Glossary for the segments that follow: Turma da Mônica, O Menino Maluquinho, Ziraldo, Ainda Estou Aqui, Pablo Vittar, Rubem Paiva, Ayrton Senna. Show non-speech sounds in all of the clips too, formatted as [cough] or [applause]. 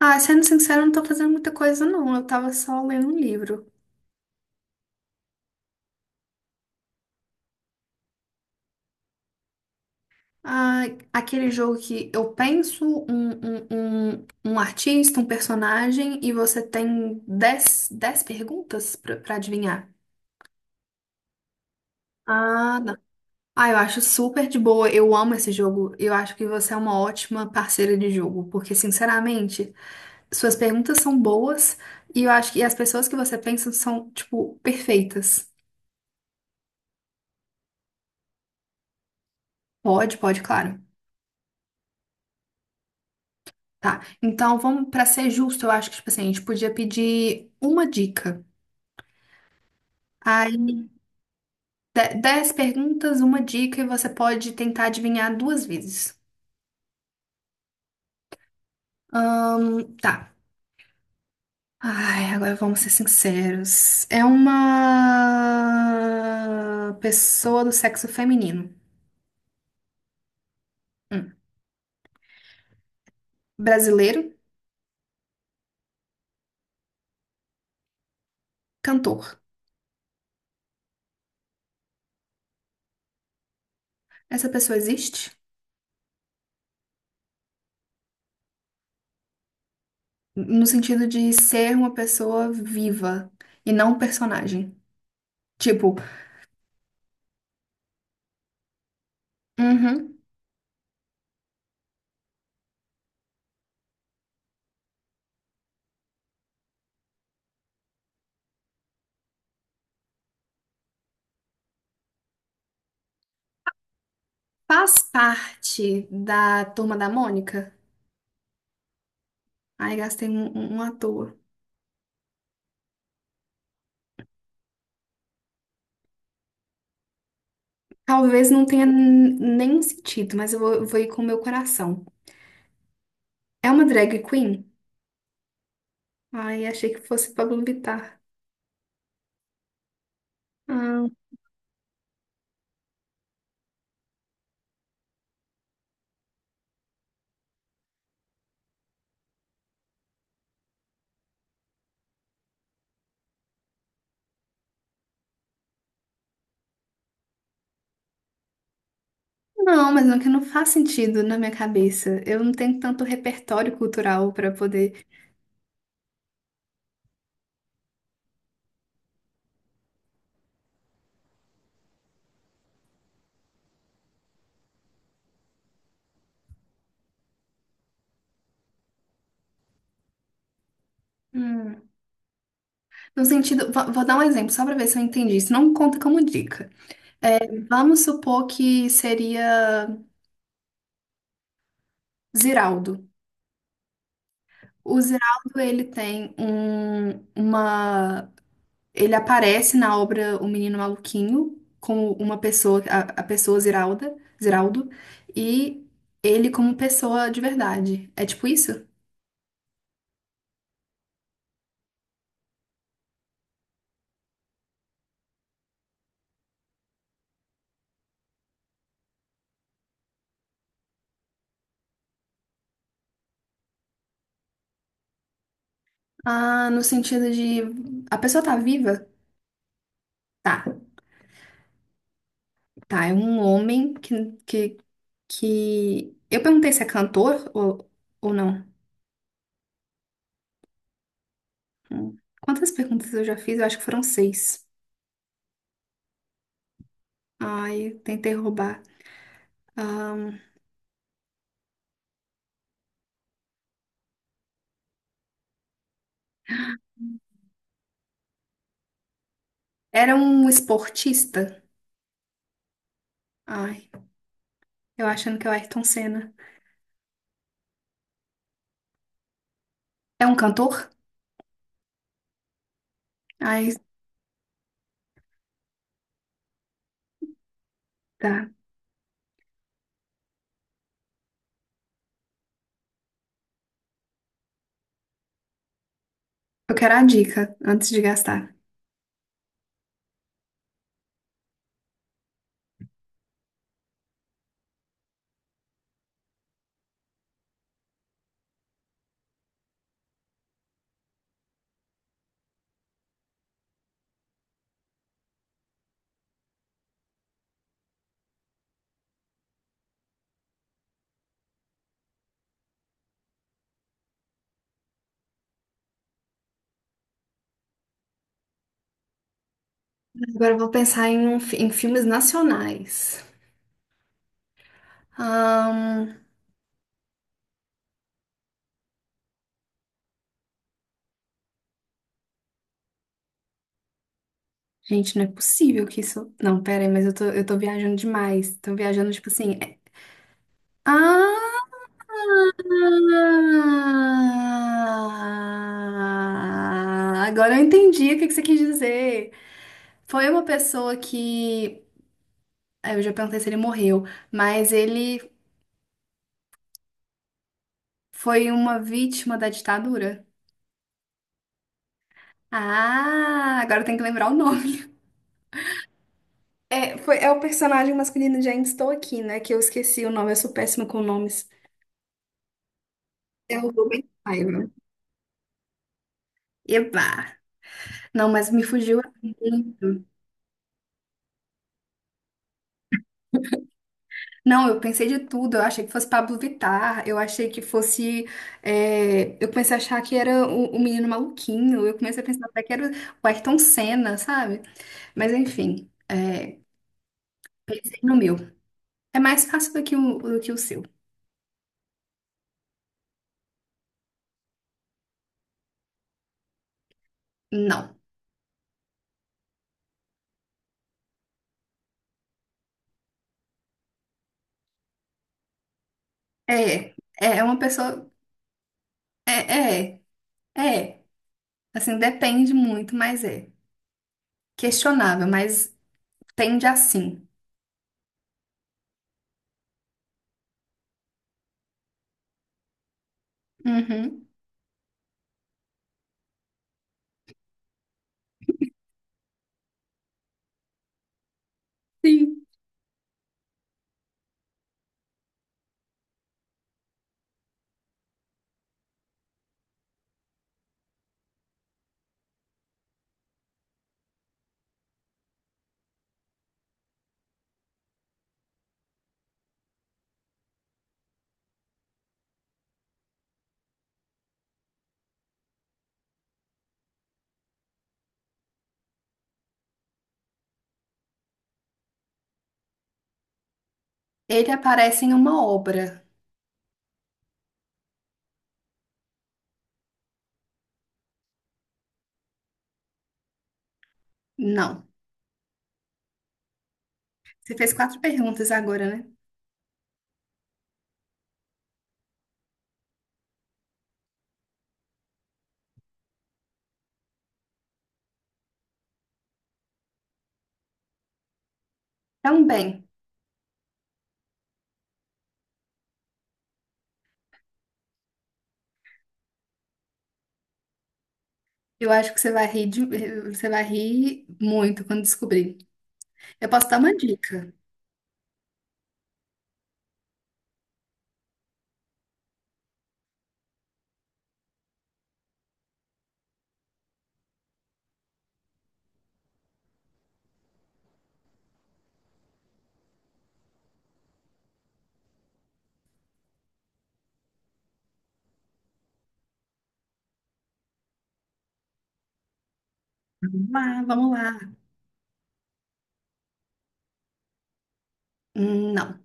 Ah, sendo sincero, eu não tô fazendo muita coisa, não. Eu tava só lendo um livro. Ah, aquele jogo que eu penso um artista, um personagem, e você tem dez perguntas pra adivinhar. Ah, não. Ah, eu acho super de boa. Eu amo esse jogo. Eu acho que você é uma ótima parceira de jogo, porque, sinceramente, suas perguntas são boas e eu acho que as pessoas que você pensa são, tipo, perfeitas. Pode, pode, claro. Tá, então vamos para ser justo, eu acho que tipo assim, a gente podia pedir uma dica. Aí, dez perguntas, uma dica, e você pode tentar adivinhar 2 vezes. Tá. Ai, agora vamos ser sinceros. É uma pessoa do sexo feminino. Hum. Brasileiro, cantor. Essa pessoa existe? No sentido de ser uma pessoa viva e não um personagem. Tipo, uhum. Faz parte da Turma da Mônica? Ai, gastei um à toa. Talvez não tenha nenhum sentido, mas eu vou, vou ir com o meu coração. É uma drag queen? Ai, achei que fosse Pablo Vittar. Ah, não, mas não que não faz sentido na minha cabeça. Eu não tenho tanto repertório cultural para poder. Hum. No sentido, vou, vou dar um exemplo só para ver se eu entendi. Isso não conta como dica. Vamos supor que seria Ziraldo. O Ziraldo, ele tem um, uma. Ele aparece na obra O Menino Maluquinho como uma pessoa, a pessoa Ziralda, Ziraldo, e ele como pessoa de verdade. É tipo isso? Ah, no sentido de a pessoa tá viva? Tá, tá. É um homem que... Eu perguntei se é cantor ou não. Hum. Quantas perguntas eu já fiz? Eu acho que foram seis. Ai, tentei roubar. Era um esportista? Ai, eu achando que é o Ayrton Senna. É um cantor? Ai, tá. Eu quero a dica antes de gastar. Agora eu vou pensar em, em filmes nacionais. Ahn, gente, não é possível que isso. Não, pera aí, mas eu tô viajando demais. Tô viajando, tipo assim. Ah! Agora eu entendi o que que você quis dizer. Foi uma pessoa que. Eu já perguntei se ele morreu, mas ele foi uma vítima da ditadura? Ah, agora tem que lembrar o nome. É, foi, é o personagem masculino de Ainda Estou Aqui, né? Que eu esqueci o nome, eu sou péssima com nomes. É o Rubem Paiva. Eba! Não, mas me fugiu muito. Não, eu pensei de tudo. Eu achei que fosse Pablo Vittar. Eu achei que fosse. Eu comecei a achar que era o menino maluquinho. Eu comecei a pensar até que era o Ayrton Senna, sabe? Mas enfim, é, pensei no meu. É mais fácil do que o seu. Não. É, é uma pessoa. É, é, é. Assim, depende muito, mas é. Questionável, mas tende a sim. Uhum. Sim. Ele aparece em uma obra. Não. Você fez 4 perguntas agora, né? Também. Eu acho que você vai rir de- Você vai rir muito quando descobrir. Eu posso dar uma dica. Vamos lá, vamos lá. Não.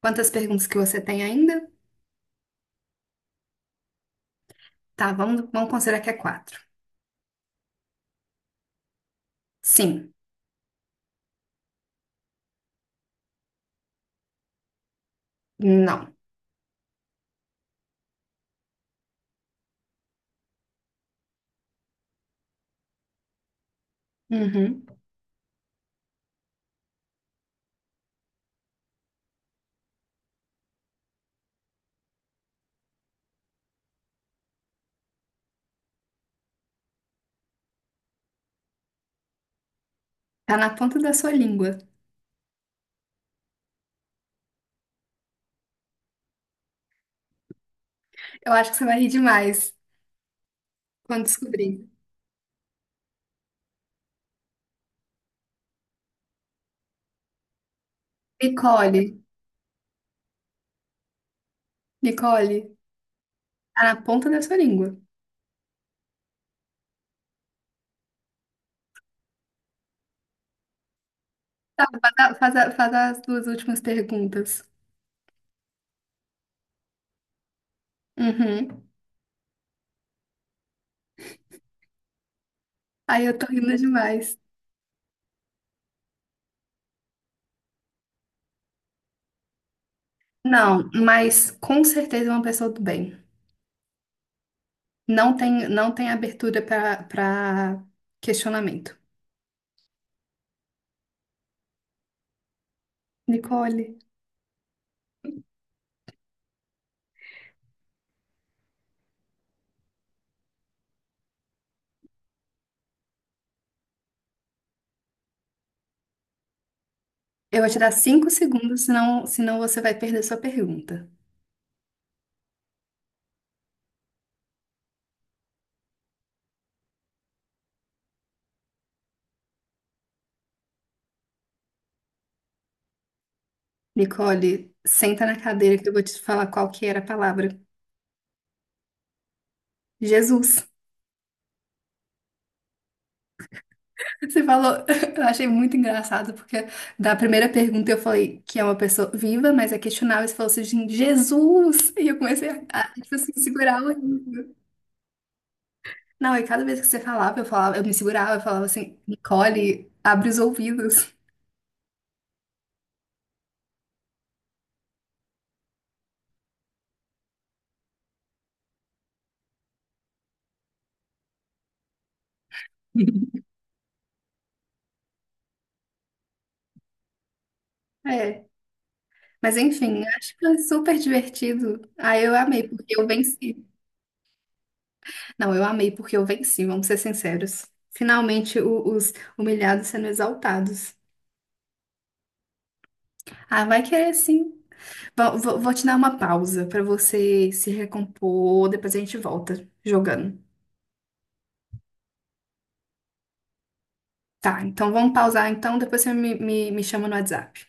Quantas perguntas que você tem ainda? Tá, vamos considerar que é 4. Sim. Não. Uhum. Tá na ponta da sua língua. Eu acho que você vai rir demais quando descobrir. Nicole, Nicole, tá na ponta da sua língua. Tá, faz as duas últimas perguntas. Uhum. Aí eu tô rindo demais. Não, mas com certeza é uma pessoa do bem. Não tem, não tem abertura pra questionamento. Nicole, eu vou te dar 5 segundos, senão, senão você vai perder sua pergunta. Nicole, senta na cadeira que eu vou te falar qual que era a palavra. Jesus. Você falou, [laughs] eu achei muito engraçado, porque da primeira pergunta eu falei que é uma pessoa viva, mas é questionável. Você falou assim, Jesus! [laughs] E eu comecei a tipo assim, segurar o riso. Não, e cada vez que você falava, eu me segurava, eu falava assim, Nicole, abre os ouvidos. [laughs] É. Mas enfim, acho que foi super divertido. Ah, eu amei porque eu venci. Não, eu amei porque eu venci, vamos ser sinceros. Finalmente, os humilhados sendo exaltados. Ah, vai querer sim. Vou te dar uma pausa pra você se recompor, depois a gente volta jogando. Tá, então vamos pausar então, depois você me chama no WhatsApp.